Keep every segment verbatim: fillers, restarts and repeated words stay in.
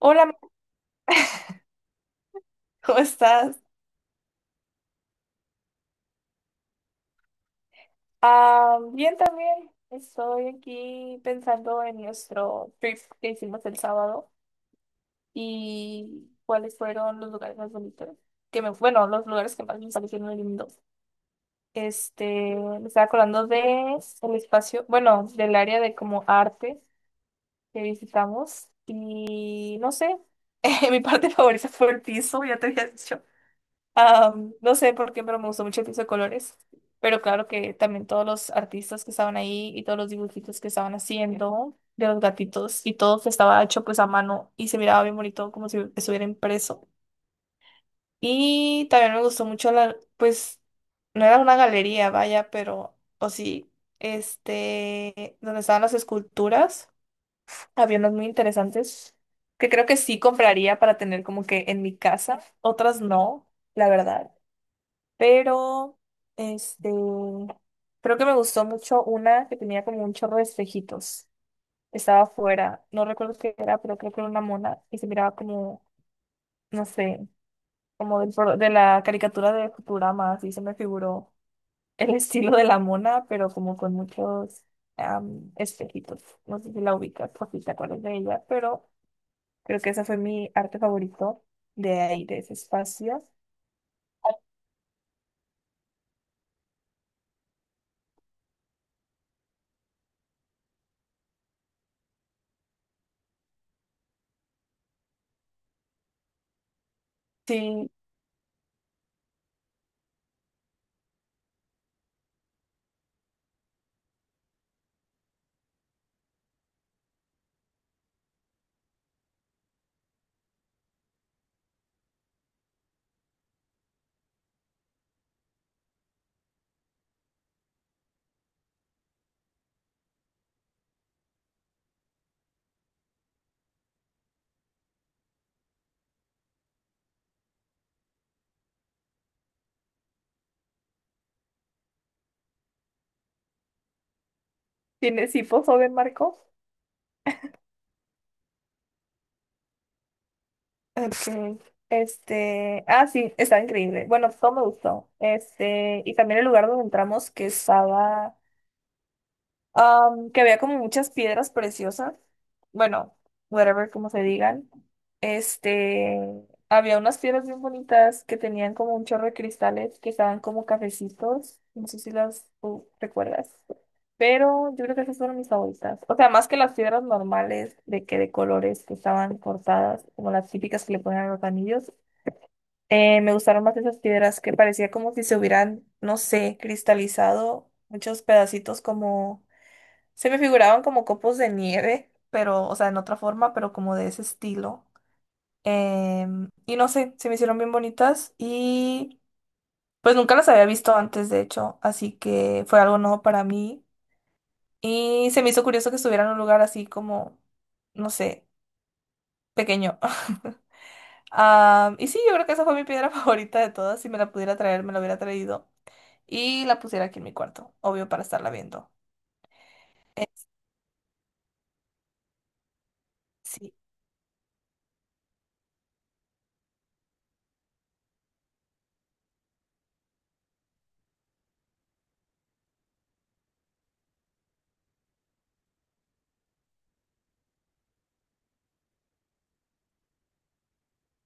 Hola, ma- ¿cómo estás? Ah, bien también. Estoy aquí pensando en nuestro trip que hicimos el sábado y cuáles fueron los lugares más bonitos. Que me, bueno, los lugares que más me parecieron lindos. Este, me estaba acordando de el espacio, bueno, del área de como arte que visitamos y no sé, mi parte favorita fue el piso, ya te había dicho. Am, no sé por qué, pero me gustó mucho el piso de colores. Pero claro que también todos los artistas que estaban ahí y todos los dibujitos que estaban haciendo de los gatitos y todo que estaba hecho pues a mano y se miraba bien bonito como si estuviera impreso. Y también me gustó mucho la, pues, no era una galería, vaya, pero, o sí, este, donde estaban las esculturas, había unas muy interesantes que creo que sí compraría para tener como que en mi casa, otras no, la verdad pero, este, creo que me gustó mucho una que tenía como un chorro de espejitos. Estaba afuera, no recuerdo qué era, pero creo que era una mona y se miraba como, no sé, como del pro- de la caricatura de Futurama, así se me figuró el estilo de la mona, pero como con muchos am, espejitos. No sé si la ubicas, por si te acuerdas de ella, pero creo que esa fue mi arte favorito de ahí, de ese espacio. Sí, tiene sí, posó de Marco. Ok. Este, ah, sí, estaba increíble. Bueno, todo me gustó. Este, y también el lugar donde entramos que estaba, am, que había como muchas piedras preciosas. Bueno, whatever, como se digan. Este, Había unas piedras bien bonitas que tenían como un chorro de cristales que estaban como cafecitos. No sé si las tú recuerdas. Pero yo creo que esas fueron mis favoritas. O sea, más que las piedras normales de que de colores que estaban cortadas, como las típicas que le ponen a los anillos. Eh, me gustaron más esas piedras que parecía como si se hubieran, no sé, cristalizado muchos pedacitos como, se me figuraban como copos de nieve, pero, o sea, en otra forma, pero como de ese estilo. Em, y no sé, se me hicieron bien bonitas y pues nunca las había visto antes, de hecho, así que fue algo nuevo para mí. Y se me hizo curioso que estuviera en un lugar así como, no sé, pequeño. Ah, y sí, yo creo que esa fue mi piedra favorita de todas. Si me la pudiera traer, me la hubiera traído y la pusiera aquí en mi cuarto, obvio para estarla viendo. Sí,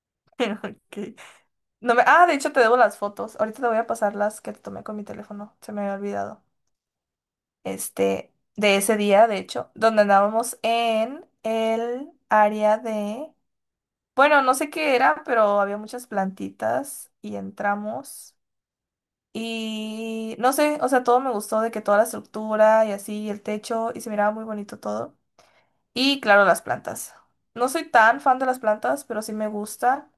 pero no me... Ah, de hecho te debo las fotos. Ahorita te voy a pasar las que te tomé con mi teléfono. Se me había olvidado. Este, de ese día, de hecho, donde andábamos en el área de... Bueno, no sé qué era, pero había muchas plantitas y entramos. Y no sé, o sea, todo me gustó de que toda la estructura y así, y el techo, y se miraba muy bonito todo. Y claro, las plantas. No soy tan fan de las plantas, pero sí me gustan.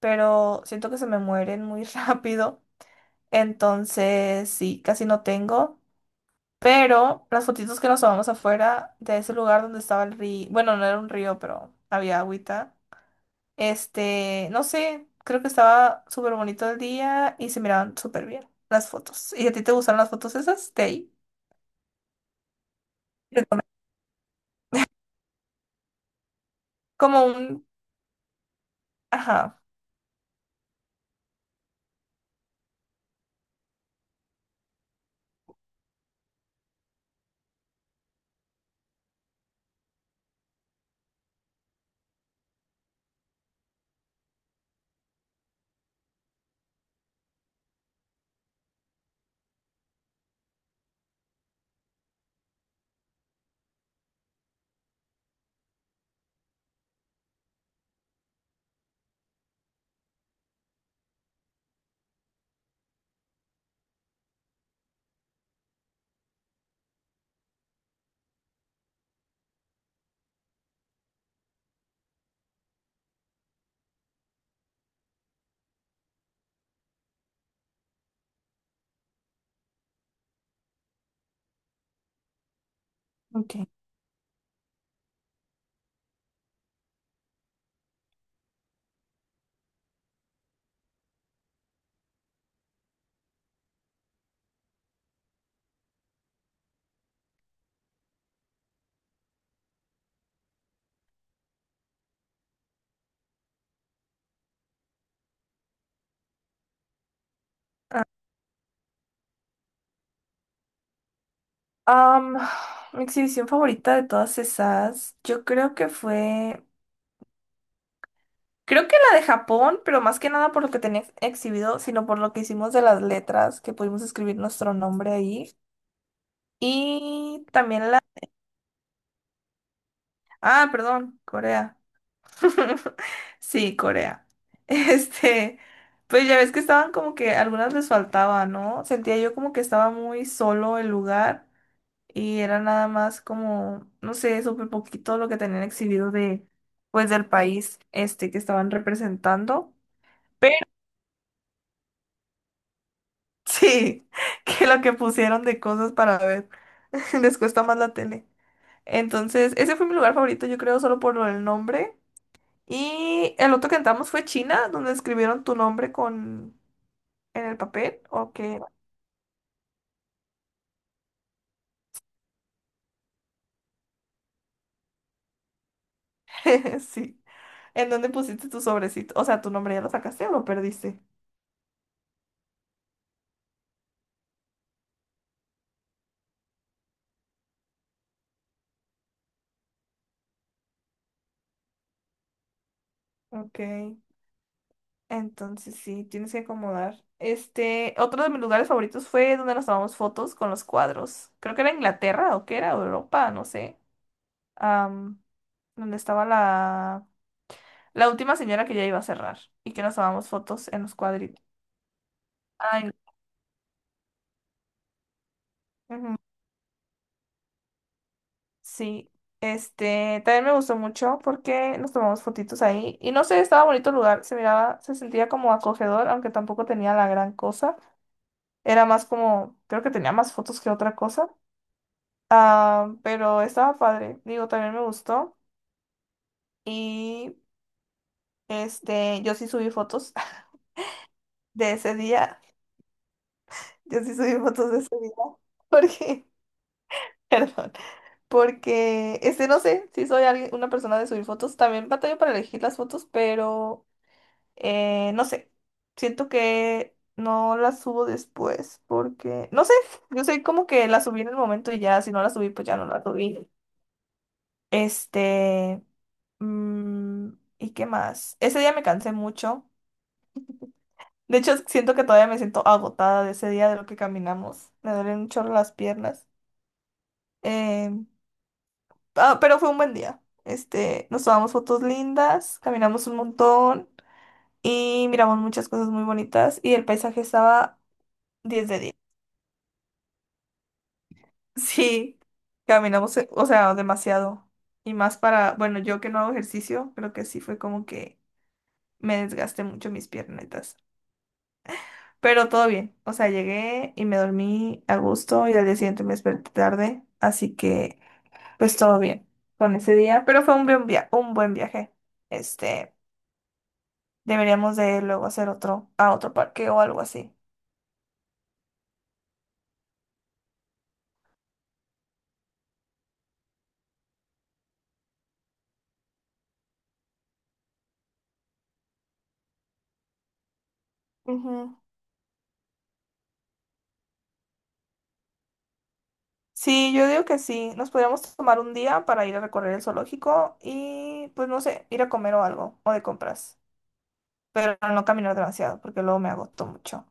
Pero siento que se me mueren muy rápido. Entonces, sí, casi no tengo. Pero las fotitos que nos tomamos afuera de ese lugar donde estaba el río. Bueno, no era un río, pero había agüita. Este, no sé, creo que estaba súper bonito el día y se miraban súper bien las fotos. ¿Y a ti te gustan las fotos esas de ahí? Como un... Ajá. Ok. Am, Mi exhibición favorita de todas esas, yo creo que fue, creo que la de Japón, pero más que nada por lo que tenía ex- exhibido, sino por lo que hicimos de las letras, que pudimos escribir nuestro nombre ahí. Y también la... Ah, perdón, Corea. Sí, Corea. Este, pues ya ves que estaban como que algunas les faltaba, ¿no? Sentía yo como que estaba muy solo el lugar y era nada más como, no sé, súper poquito lo que tenían exhibido de, pues, del país este que estaban representando. Pero sí, que lo que pusieron de cosas para ver, les cuesta más la tele. Entonces, ese fue mi lugar favorito, yo creo, solo por lo del nombre. Y el otro que entramos fue China, donde escribieron tu nombre con en el papel, o qué. Sí. ¿En dónde pusiste tu sobrecito? O sea, tu nombre ya lo sacaste o lo perdiste. Ok. Entonces sí, tienes que acomodar. Este, otro de mis lugares favoritos fue donde nos tomamos fotos con los cuadros. Creo que era Inglaterra o que era Europa, no sé. Am, Donde estaba la, la última señora que ya iba a cerrar y que nos tomamos fotos en los cuadritos. Ay, ujú, sí. Este, también me gustó mucho porque nos tomamos fotitos ahí. Y no sé, estaba bonito el lugar. Se miraba, se sentía como acogedor, aunque tampoco tenía la gran cosa. Era más como, creo que tenía más fotos que otra cosa. Ah, pero estaba padre, digo, también me gustó. Y este, yo sí subí fotos de ese día. Yo sí subí fotos de ese día. Porque, perdón, porque, este, no sé, si soy alguien, una persona de subir fotos. También batallo para elegir las fotos, pero eh, no sé. Siento que no las subo después porque, no sé, yo soy como que las subí en el momento y ya, si no las subí, pues ya no las subí. Este, mm, ¿Y qué más? Ese día me cansé mucho. De hecho, siento que todavía me siento agotada de ese día de lo que caminamos. Me duelen un chorro las piernas. Eh, ah, pero fue un buen día. Este, nos tomamos fotos lindas, caminamos un montón y miramos muchas cosas muy bonitas y el paisaje estaba diez de diez. Sí, caminamos, eh, o sea, demasiado. Y más para, bueno, yo que no hago ejercicio, creo que sí fue como que me desgasté mucho mis piernas. Pero todo bien. O sea, llegué y me dormí a gusto y al día siguiente me desperté tarde. Así que, pues todo bien con ese día. Pero fue un buen via- un buen viaje. Este, Deberíamos de luego hacer otro a otro parque o algo así. Ujú. Sí, yo digo que sí. Nos podríamos tomar un día para ir a recorrer el zoológico y, pues no sé, ir a comer o algo o de compras. Pero no caminar demasiado porque luego me agoto mucho.